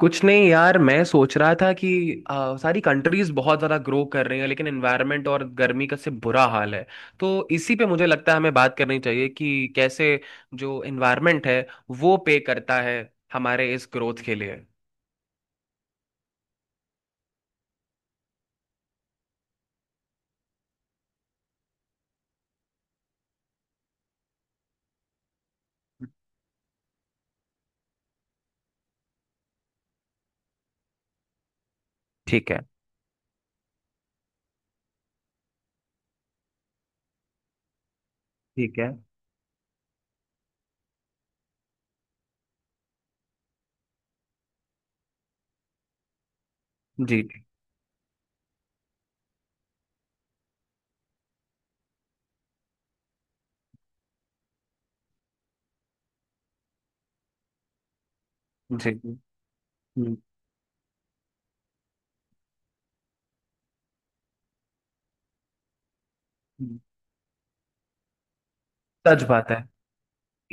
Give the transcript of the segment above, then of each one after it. कुछ नहीं यार, मैं सोच रहा था कि सारी कंट्रीज बहुत ज़्यादा ग्रो कर रही हैं लेकिन एनवायरनमेंट और गर्मी का से बुरा हाल है। तो इसी पे मुझे लगता है हमें बात करनी चाहिए कि कैसे जो एनवायरनमेंट है वो पे करता है हमारे इस ग्रोथ के लिए। ठीक है। ठीक है। जी जी। जी जी, हम्म, हम्म। सच बात है।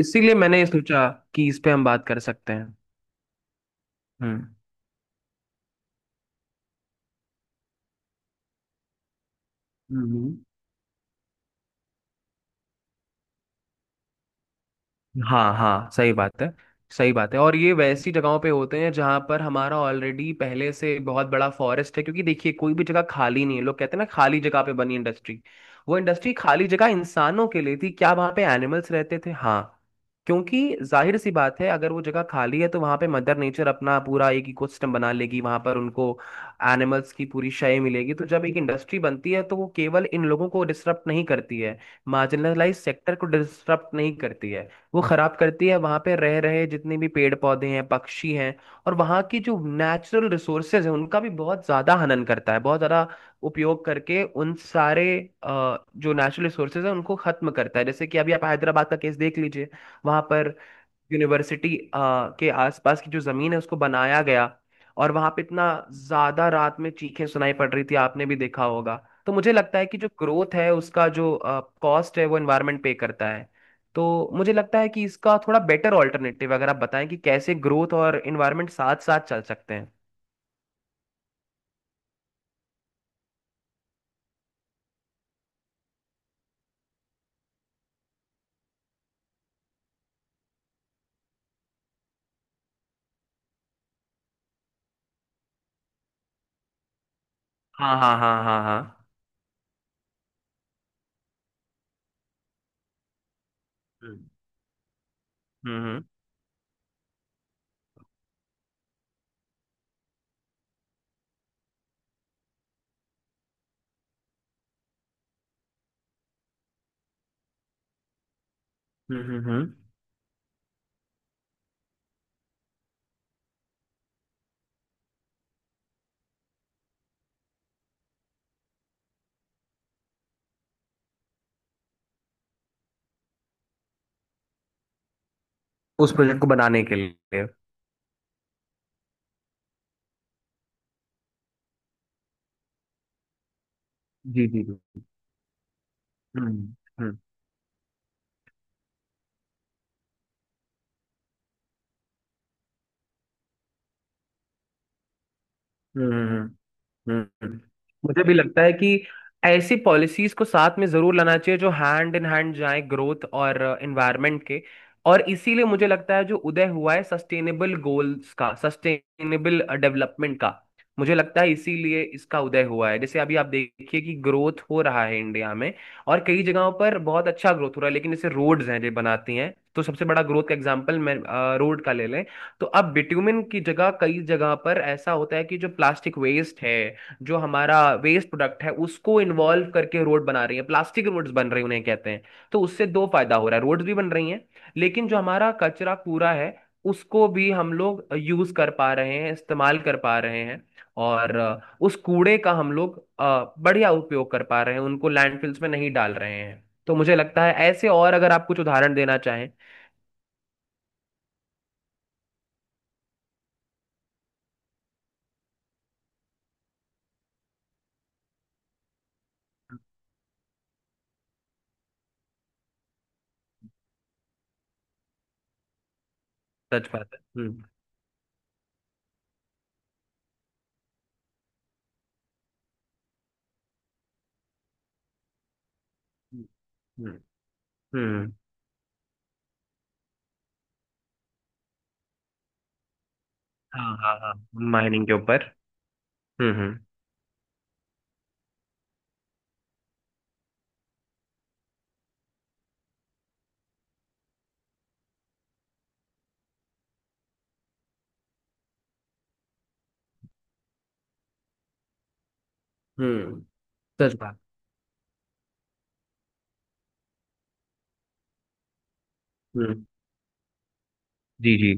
इसीलिए मैंने ये सोचा कि इस पे हम बात कर सकते हैं। हम्म हम्म। हाँ हाँ, सही बात है। सही बात है, और ये वैसी जगहों पे होते हैं जहाँ पर हमारा ऑलरेडी पहले से बहुत बड़ा फॉरेस्ट है, क्योंकि देखिए कोई भी जगह खाली नहीं है। लोग कहते हैं ना खाली जगह पे बनी इंडस्ट्री, वो इंडस्ट्री खाली जगह इंसानों के लिए थी क्या? वहाँ पे एनिमल्स रहते थे, हाँ। क्योंकि जाहिर सी बात है अगर वो जगह खाली है तो वहाँ पे मदर नेचर अपना पूरा एक इकोसिस्टम बना लेगी। वहाँ पर उनको एनिमल्स की पूरी शय मिलेगी। तो जब एक इंडस्ट्री बनती है तो वो केवल इन लोगों को डिस्टर्ब नहीं करती है, मार्जिनलाइज सेक्टर को डिस्टर्ब नहीं करती है। वो खराब करती है वहां पे रह रहे जितने भी पेड़ पौधे हैं, पक्षी हैं। और वहां की जो नेचुरल रिसोर्सेज है उनका भी बहुत ज्यादा हनन करता है, बहुत ज्यादा उपयोग करके उन सारे जो नेचुरल रिसोर्सेज है उनको खत्म करता है। जैसे कि अभी आप हैदराबाद का केस देख लीजिए। वहां पर यूनिवर्सिटी के आसपास की जो जमीन है उसको बनाया गया, और वहां पे इतना ज्यादा रात में चीखें सुनाई पड़ रही थी, आपने भी देखा होगा। तो मुझे लगता है कि जो ग्रोथ है उसका जो कॉस्ट है वो एनवायरनमेंट पे करता है। तो मुझे लगता है कि इसका थोड़ा बेटर ऑल्टरनेटिव अगर आप बताएं कि कैसे ग्रोथ और एनवायरनमेंट साथ साथ चल सकते हैं। हाँ हाँ हाँ हाँ हाँ। हम्म हम्म हम्म। हम्म। उस प्रोजेक्ट को बनाने के लिए। जी जी जी। हम्म हम्म। हम्म हम्म, हम्म। हम्म। मुझे भी लगता है कि ऐसी पॉलिसीज को साथ में जरूर लाना चाहिए जो हैंड इन हैंड जाए ग्रोथ और एनवायरनमेंट के। और इसीलिए मुझे लगता है जो उदय हुआ है सस्टेनेबल गोल्स का, सस्टेनेबल डेवलपमेंट का, मुझे लगता है इसीलिए इसका उदय हुआ है। जैसे अभी आप देखिए कि ग्रोथ हो रहा है इंडिया में, और कई जगहों पर बहुत अच्छा ग्रोथ हो रहा है। लेकिन जैसे रोड्स हैं जो बनाती हैं, तो सबसे बड़ा ग्रोथ का एग्जांपल मैं रोड का ले लें। तो अब बिट्यूमिन की जगह कई जगह पर ऐसा होता है कि जो प्लास्टिक वेस्ट है, जो हमारा वेस्ट प्रोडक्ट है, उसको इन्वॉल्व करके रोड बना रही है। प्लास्टिक रोड्स बन रही हैं उन्हें कहते हैं। तो उससे दो फायदा हो रहा है, रोड्स भी बन रही हैं, लेकिन जो हमारा कचरा कूड़ा है उसको भी हम लोग यूज कर पा रहे हैं, इस्तेमाल कर पा रहे हैं। और उस कूड़े का हम लोग बढ़िया उपयोग कर पा रहे हैं, उनको लैंडफिल्स में नहीं डाल रहे हैं। तो मुझे लगता है ऐसे, और अगर आप कुछ उदाहरण देना चाहें। सच बात है। हम्म। हम्म हम्म, हाँ हाँ हाँ। माइनिंग के ऊपर। हम्म। हम्म। सच बात। हम्म, जी जी।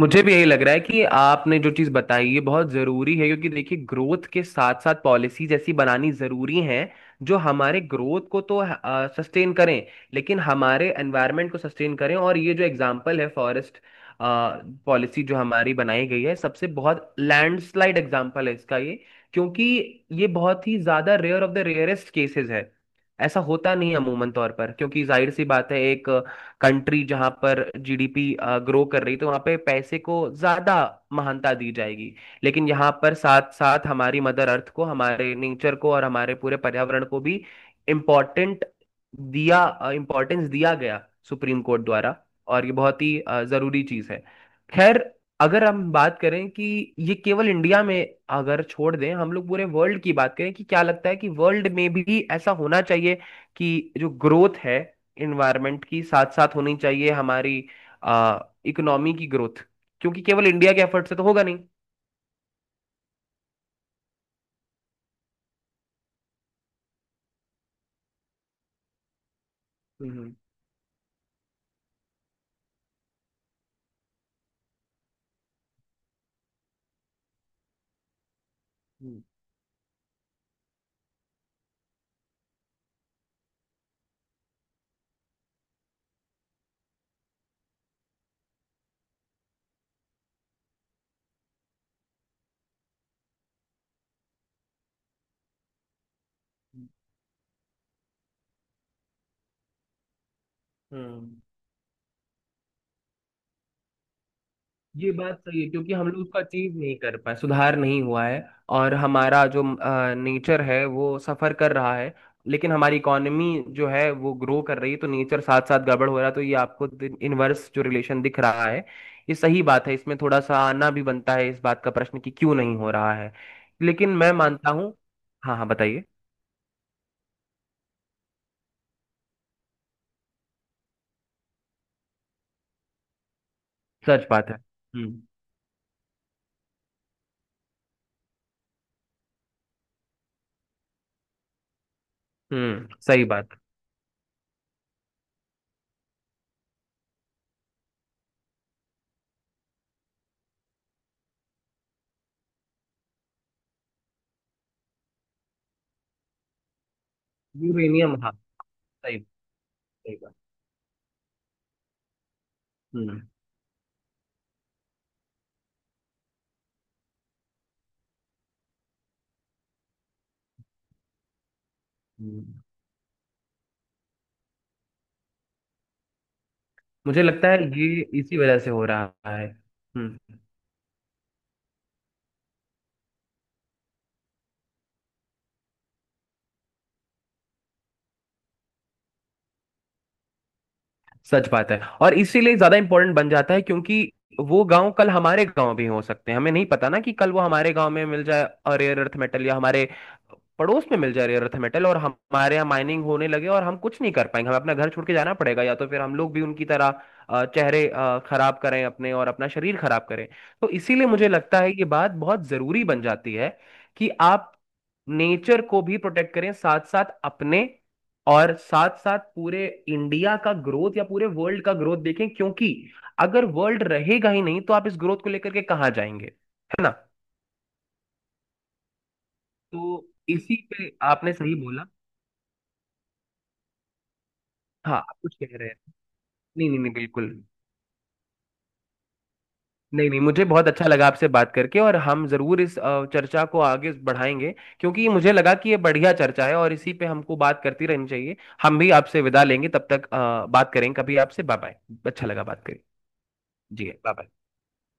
मुझे भी यही लग रहा है कि आपने जो चीज़ बताई ये बहुत ज़रूरी है। क्योंकि देखिए ग्रोथ के साथ साथ पॉलिसीज ऐसी बनानी ज़रूरी हैं जो हमारे ग्रोथ को तो सस्टेन करें, लेकिन हमारे एनवायरनमेंट को सस्टेन करें। और ये जो एग्जांपल है फॉरेस्ट पॉलिसी जो हमारी बनाई गई है, सबसे बहुत लैंडस्लाइड एग्जांपल है इसका ये। क्योंकि ये बहुत ही ज़्यादा rare of the rarest cases है, ऐसा होता नहीं है अमूमन तौर पर। क्योंकि जाहिर सी बात है, एक कंट्री जहां पर जीडीपी ग्रो कर रही, तो वहां पे पैसे को ज्यादा महानता दी जाएगी। लेकिन यहाँ पर साथ साथ हमारी मदर अर्थ को, हमारे नेचर को और हमारे पूरे पर्यावरण को भी इम्पोर्टेंट दिया, इम्पोर्टेंस दिया गया सुप्रीम कोर्ट द्वारा। और ये बहुत ही जरूरी चीज है। खैर, अगर हम बात करें कि ये केवल इंडिया में, अगर छोड़ दें हम लोग पूरे वर्ल्ड की बात करें, कि क्या लगता है कि वर्ल्ड में भी ऐसा होना चाहिए कि जो ग्रोथ है इन्वायरमेंट की साथ साथ होनी चाहिए हमारी आ, इकोनॉमी की ग्रोथ। क्योंकि केवल इंडिया के एफर्ट से तो होगा नहीं। हम्म हम्म। हम्म, हम्म। ये बात सही है क्योंकि हम लोग उसको अचीव नहीं कर पाए, सुधार नहीं हुआ है। और हमारा जो नेचर है वो सफर कर रहा है, लेकिन हमारी इकोनॉमी जो है वो ग्रो कर रही है। तो नेचर साथ साथ गड़बड़ हो रहा है, तो ये आपको इनवर्स जो रिलेशन दिख रहा है, ये सही बात है। इसमें थोड़ा सा आना भी बनता है इस बात का प्रश्न कि क्यों नहीं हो रहा है। लेकिन मैं मानता हूँ। हाँ हाँ, बताइए। सच बात है। हम्म, सही बात। यूरेनियम, हाँ। सही। सही बात। हम्म। हम्म। मुझे लगता है ये इसी वजह से हो रहा है। हम्म। सच बात है, और इसीलिए ज्यादा इम्पोर्टेंट बन जाता है। क्योंकि वो गांव कल हमारे गांव भी हो सकते हैं, हमें नहीं पता ना कि कल वो हमारे गांव में मिल जाए रेयर अर्थ मेटल, या हमारे पड़ोस में मिल जाए रेयर अर्थ मेटल और हमारे यहाँ माइनिंग होने लगे, और हम कुछ नहीं कर पाएंगे। हमें अपना घर छोड़ के जाना पड़ेगा, या तो फिर हम लोग भी उनकी तरह चेहरे खराब करें अपने, और अपना शरीर खराब करें। तो इसीलिए मुझे लगता है ये बात बहुत जरूरी बन जाती है कि आप नेचर को भी प्रोटेक्ट करें साथ साथ अपने, और साथ साथ पूरे इंडिया का ग्रोथ या पूरे वर्ल्ड का ग्रोथ देखें। क्योंकि अगर वर्ल्ड रहेगा ही नहीं तो आप इस ग्रोथ को लेकर के कहाँ जाएंगे? है ना? तो इसी पे आपने सही बोला। हाँ, आप कुछ कह रहे हैं? नहीं नहीं नहीं, बिल्कुल। नहीं नहीं, मुझे बहुत अच्छा लगा आपसे बात करके, और हम जरूर इस चर्चा को आगे बढ़ाएंगे। क्योंकि मुझे लगा कि ये बढ़िया चर्चा है और इसी पे हमको बात करती रहनी चाहिए। हम भी आपसे विदा लेंगे, तब तक बात करेंगे कभी आपसे। Bye bye. अच्छा लगा बात करके। जी बाय बाय।